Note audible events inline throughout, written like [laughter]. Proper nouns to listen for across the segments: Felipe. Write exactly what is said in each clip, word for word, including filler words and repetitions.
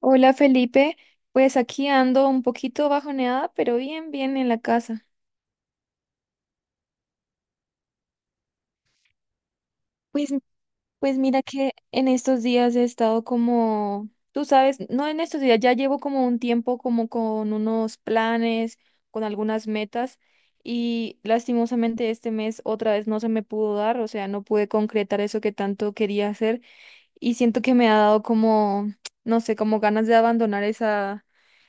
Hola Felipe, pues aquí ando un poquito bajoneada, pero bien, bien en la casa. Pues, pues mira que en estos días he estado como, tú sabes, no en estos días, ya llevo como un tiempo como con unos planes, con algunas metas y lastimosamente este mes otra vez no se me pudo dar, o sea, no pude concretar eso que tanto quería hacer. Y siento que me ha dado como, no sé, como ganas de abandonar esa,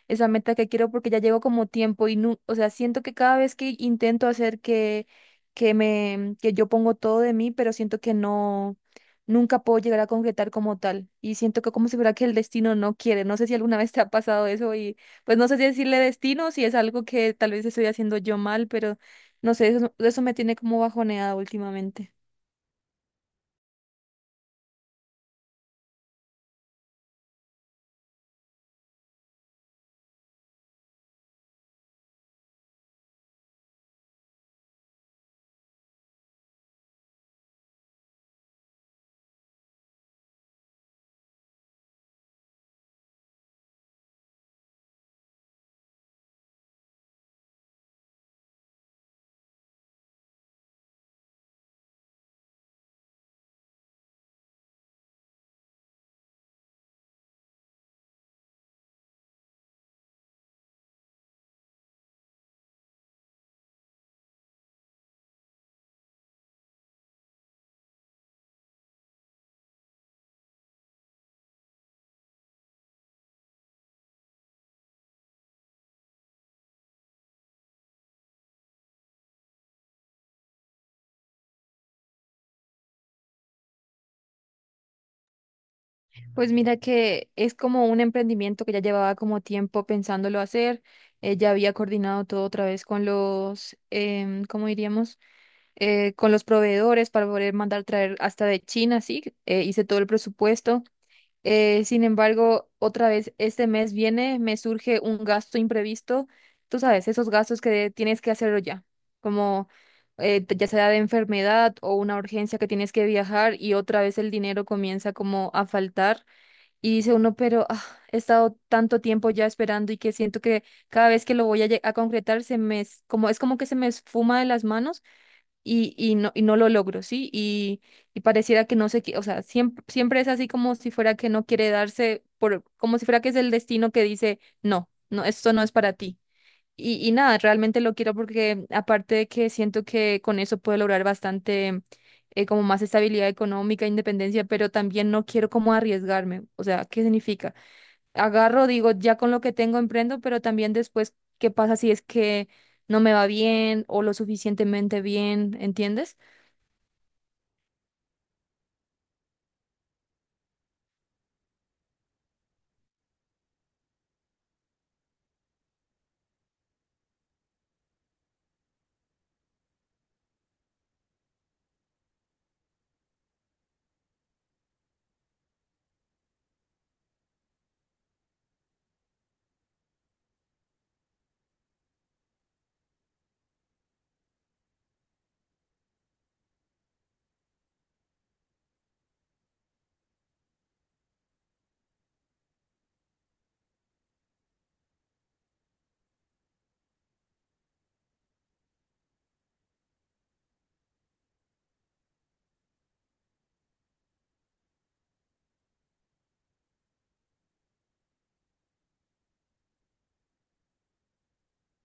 esa meta que quiero porque ya llevo como tiempo y no, o sea, siento que cada vez que intento hacer que, que me, que yo pongo todo de mí, pero siento que no, nunca puedo llegar a concretar como tal y siento que como si fuera que el destino no quiere, no sé si alguna [laughs] vez te ha pasado eso y pues no sé si decirle destino, si es algo que tal vez estoy haciendo yo mal, pero no sé, eso, eso me tiene como bajoneada últimamente. Pues mira que es como un emprendimiento que ya llevaba como tiempo pensándolo hacer. Eh, ya había coordinado todo otra vez con los, em, ¿cómo diríamos? Eh, con los proveedores para poder mandar traer hasta de China, sí, eh, hice todo el presupuesto. Eh, sin embargo, otra vez este mes viene, me surge un gasto imprevisto, tú sabes, esos gastos que tienes que hacerlo ya, como eh, ya sea de enfermedad o una urgencia que tienes que viajar y otra vez el dinero comienza como a faltar. Y dice uno, pero ah, he estado tanto tiempo ya esperando y que siento que cada vez que lo voy a, lle- a concretar se me es como es como que se me esfuma de las manos y, y no y no lo logro, ¿sí? Y, y pareciera que no sé qué, o sea, siempre siempre es así como si fuera que no quiere darse, por como si fuera que es el destino que dice: "No, no, esto no es para ti." Y, y nada, realmente lo quiero porque aparte de que siento que con eso puedo lograr bastante, eh, como más estabilidad económica, independencia, pero también no quiero como arriesgarme. O sea, ¿qué significa? Agarro, digo, ya con lo que tengo emprendo, pero también después, ¿qué pasa si es que no me va bien o lo suficientemente bien? ¿Entiendes?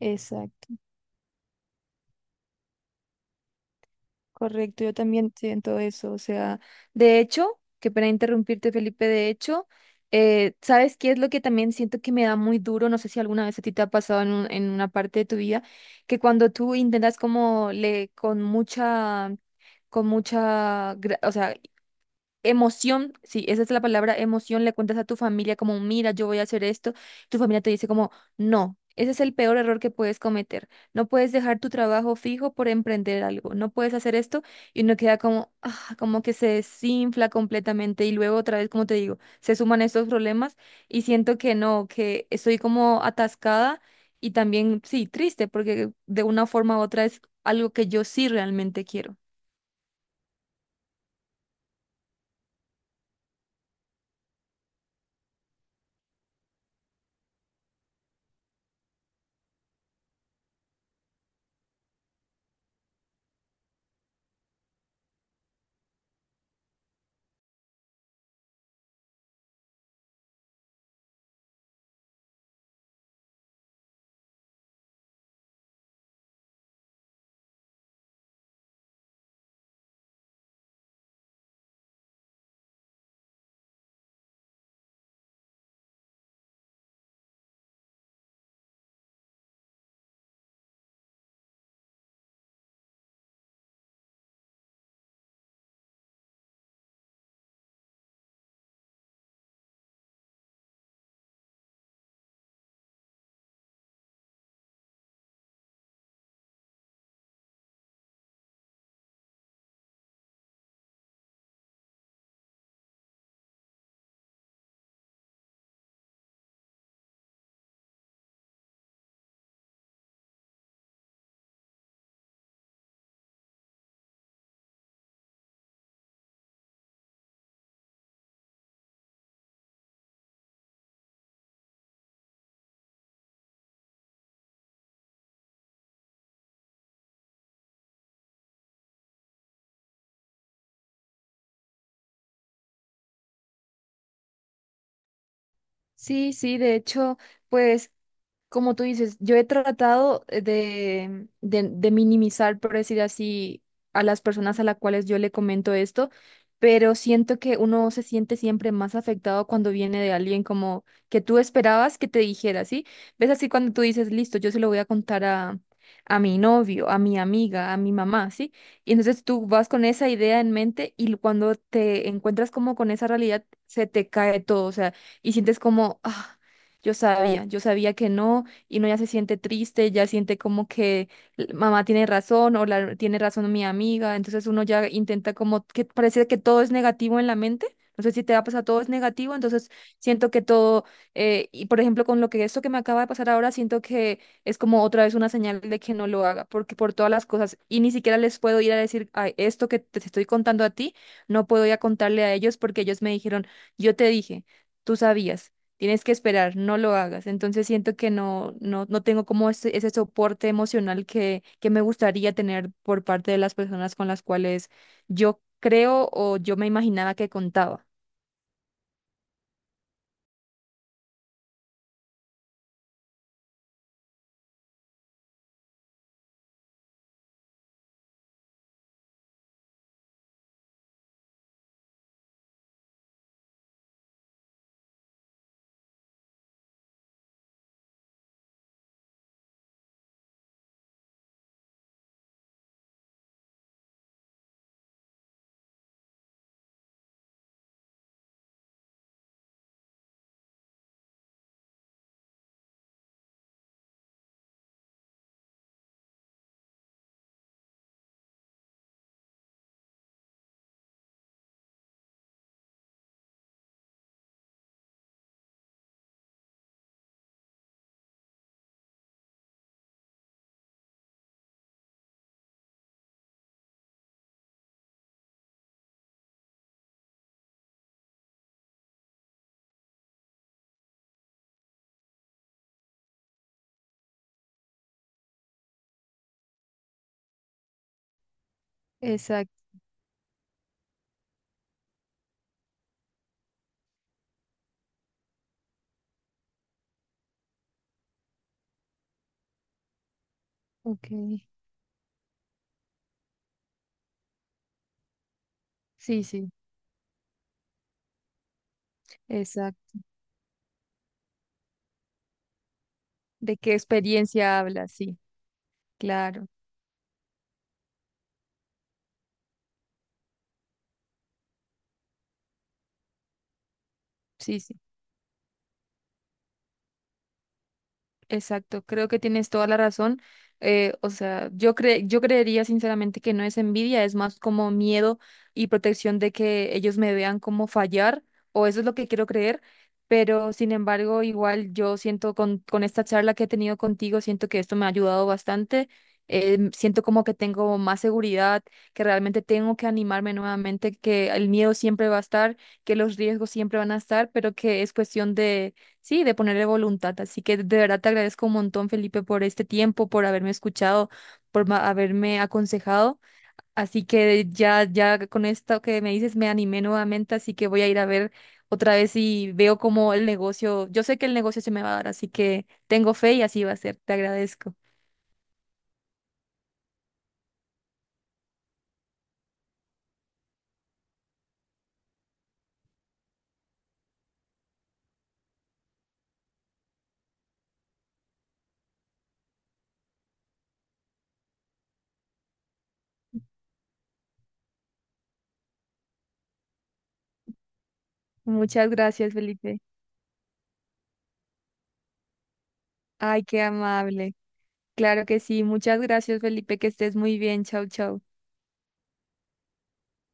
Exacto. Correcto, yo también siento eso. O sea, de hecho, que para interrumpirte, Felipe, de hecho, eh, ¿sabes qué es lo que también siento que me da muy duro? No sé si alguna vez a ti te ha pasado en, un- en una parte de tu vida, que cuando tú intentas como le, con mucha, con mucha, gra- o sea, emoción, sí, esa es la palabra, emoción. Le cuentas a tu familia como, mira, yo voy a hacer esto, tu familia te dice como, no, ese es el peor error que puedes cometer, no puedes dejar tu trabajo fijo por emprender algo, no puedes hacer esto y uno queda como, ah, como que se desinfla completamente y luego otra vez, como te digo, se suman estos problemas y siento que no, que estoy como atascada y también, sí, triste, porque de una forma u otra es algo que yo sí realmente quiero. Sí, sí, de hecho, pues como tú dices, yo he tratado eh, de, de, de minimizar, por decir así, a las personas a las cuales yo le comento esto, pero siento que uno se siente siempre más afectado cuando viene de alguien como que tú esperabas que te dijera, ¿sí? ¿Ves? Así cuando tú dices, listo, yo se lo voy a contar a, a mi novio, a mi amiga, a mi mamá, ¿sí? Y entonces tú vas con esa idea en mente y cuando te encuentras como con esa realidad, se te cae todo, o sea, y sientes como... "Ah, yo sabía, yo sabía que no", y no, ya se siente triste, ya siente como que l- mamá tiene razón o la, tiene razón mi amiga, entonces uno ya intenta como que parece que todo es negativo en la mente, no sé si te va a pasar, todo es negativo, entonces siento que todo, eh, y por ejemplo con lo que esto que me acaba de pasar ahora, siento que es como otra vez una señal de que no lo haga, porque por todas las cosas, y ni siquiera les puedo ir a decir: "Ay, esto que te estoy contando a ti, no puedo ir a contarle a ellos porque ellos me dijeron, yo te dije, tú sabías. Tienes que esperar, no lo hagas." Entonces siento que no, no, no tengo como ese, ese soporte emocional que, que me gustaría tener por parte de las personas con las cuales yo creo o yo me imaginaba que contaba. Exacto, ok. Sí, sí, exacto. ¿De qué experiencia hablas? Sí, claro. Sí, sí. Exacto, creo que tienes toda la razón. Eh, o sea, yo cre- yo creería sinceramente que no es envidia, es más como miedo y protección de que ellos me vean como fallar, o eso es lo que quiero creer. Pero sin embargo, igual yo siento con, con esta charla que he tenido contigo, siento que esto me ha ayudado bastante. Eh, siento como que tengo más seguridad, que realmente tengo que animarme nuevamente, que el miedo siempre va a estar, que los riesgos siempre van a estar, pero que es cuestión, sí, de ponerle voluntad. Así que de verdad te agradezco un montón, Felipe, por este tiempo, por haberme escuchado, por ma- haberme aconsejado. Así que ya, ya con esto que me dices me animé nuevamente, así que voy a ir a ver otra vez y veo cómo el negocio, yo sé que el negocio se me va a dar, así que tengo fe y así va a ser. Te agradezco. Muchas gracias, Felipe. Ay, qué amable. Claro que sí. Muchas gracias, Felipe. Que estés muy bien. Chau, chau.